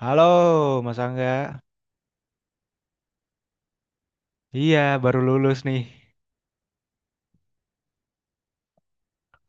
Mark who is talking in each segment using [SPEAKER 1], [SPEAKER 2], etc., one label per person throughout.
[SPEAKER 1] Halo, Mas Angga. Iya, baru lulus nih.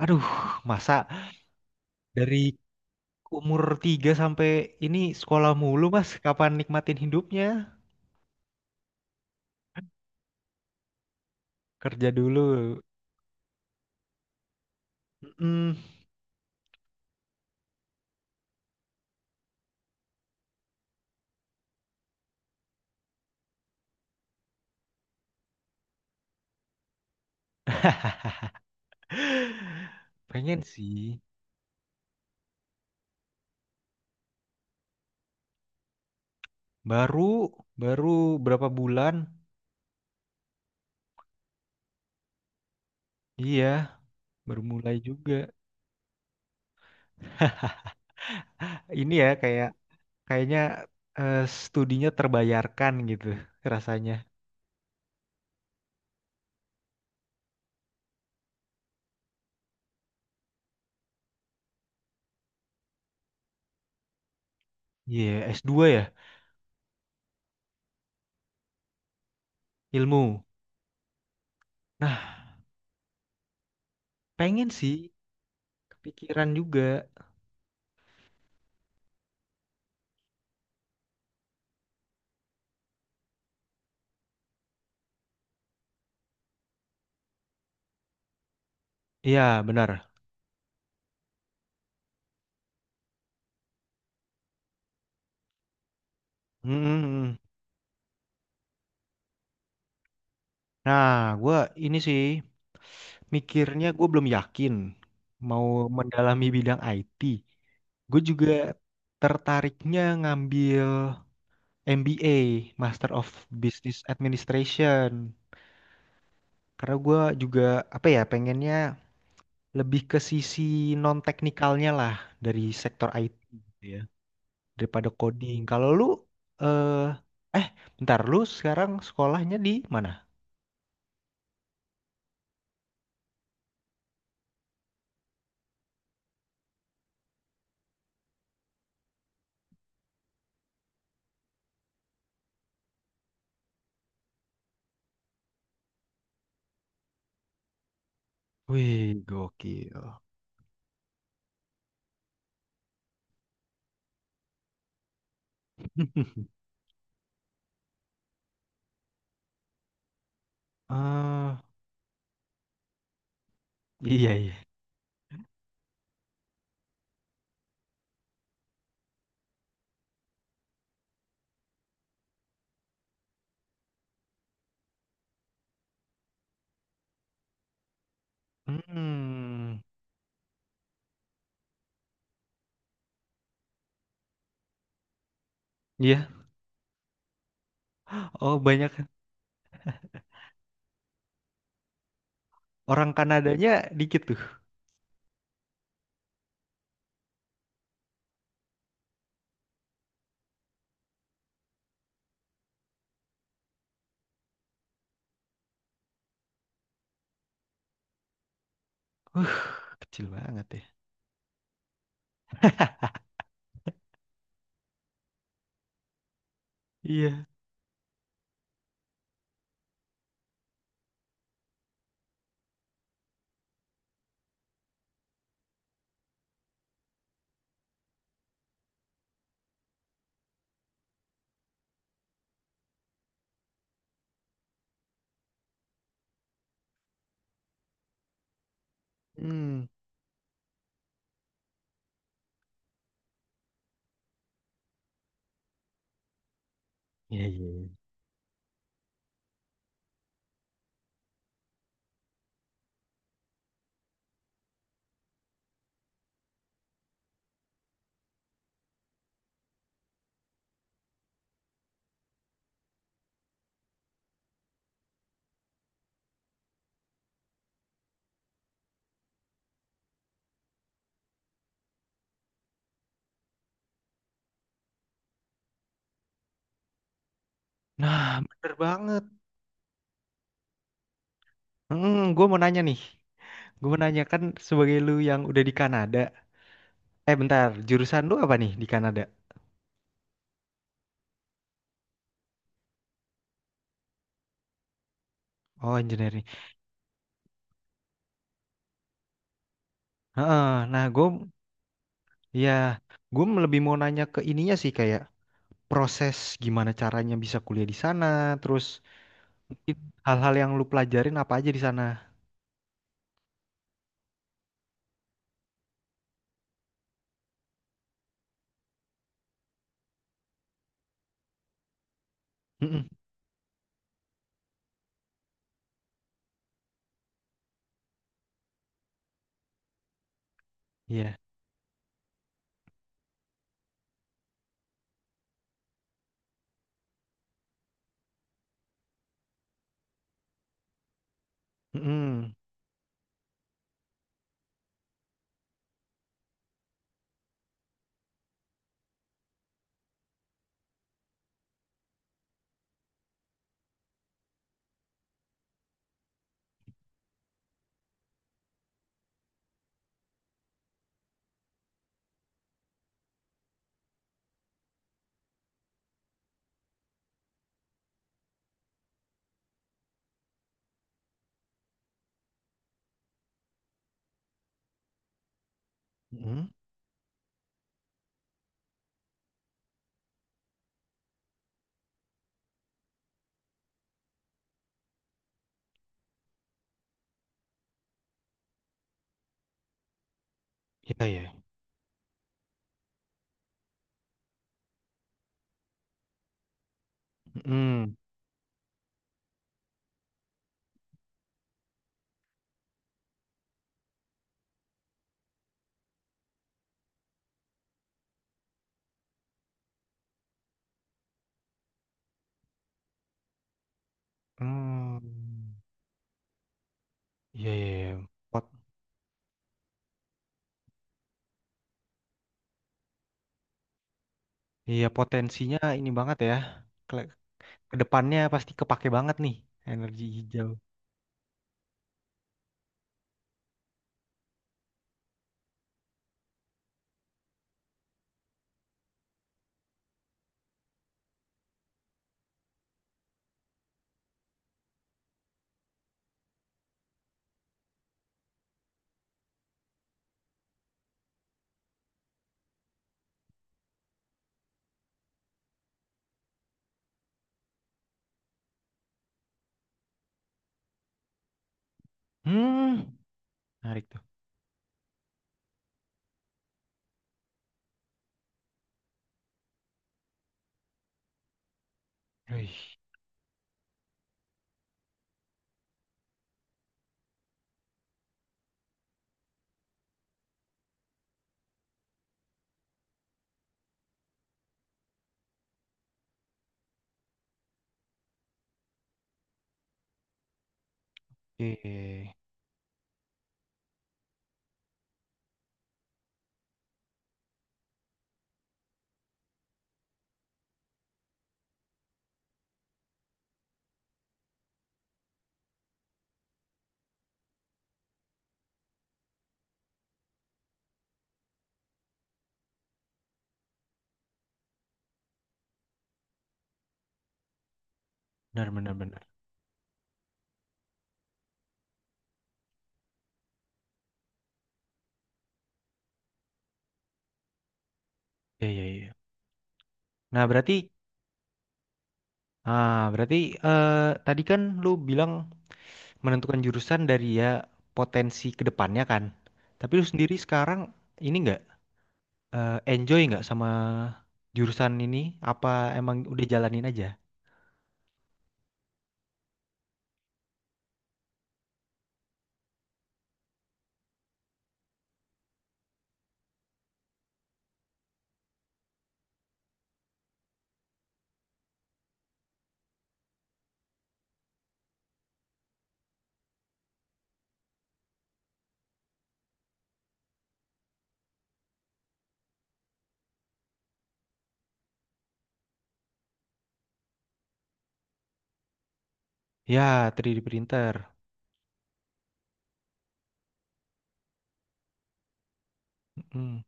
[SPEAKER 1] Aduh, masa dari umur 3 sampai ini sekolah mulu, Mas. Kapan nikmatin hidupnya? Kerja dulu. Mm, pengen sih. Baru, baru berapa bulan? Iya, baru mulai juga. Ini ya kayak kayaknya eh, studinya terbayarkan gitu rasanya. Iya, s dua ya, ilmu. Nah, pengen sih, kepikiran juga. Iya, benar. Mm, mm. Nah, gue ini sih mikirnya gue belum yakin mau mendalami bidang IT. Gue juga tertariknya ngambil MBA, Master of Business Administration. Karena gue juga apa ya pengennya lebih ke sisi non teknikalnya lah dari sektor IT gitu ya daripada coding. Kalau lu eh eh bentar, lu sekarang sekolahnya di mana? Wih, gokil. Ah, iya iya. Hmm, iya. Oh, banyak orang Kanadanya dikit tuh. Uh, kecil banget ya. Iya. Hmm. Iya iya, iya. Nah, bener banget. Hmm, gue mau nanya nih. Gue mau nanya kan sebagai lu yang udah di Kanada. Eh, bentar. Jurusan lu apa nih di Kanada? Oh, engineering. Heeh. Nah, gue, ya, gue lebih mau nanya ke ininya sih kayak proses gimana caranya bisa kuliah di sana, terus. It- hal-hal yang lu pelajarin apa aja di sana? Mm-mm. Iya. Mm-mm. Mm-mm. Iya ya. Mm-mm. Hmm. Iya iya, iya. Pot iya potensinya ini banget ya. Kele- Kedepannya pasti kepake banget nih energi hijau. Hmm. Menarik tuh. Wih. Iya, iya, iya. Benar benar benar. Iya iya iya. Nah berarti ah berarti eh, tadi kan lu bilang menentukan jurusan dari ya potensi kedepannya kan. Tapi lu sendiri sekarang ini nggak eh, enjoy nggak sama jurusan ini? Apa emang udah jalanin aja? Ya, 3D printer. Mm-mm.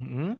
[SPEAKER 1] Mm-mm.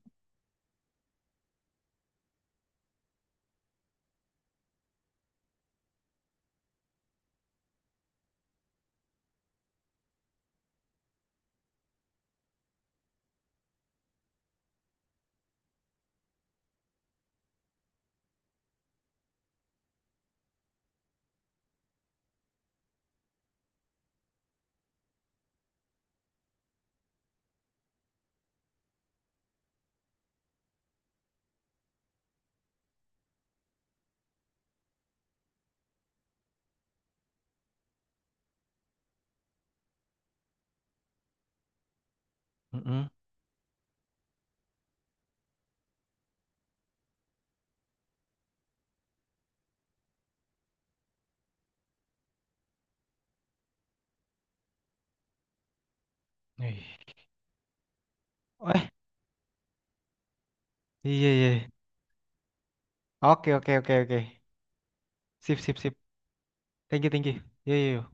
[SPEAKER 1] Mm-mm. Eh, oh, eh, iya, iya. Oke, oke, oke, oke. Sip, sip, sip. Thank you, thank you. Yo, yo, yo.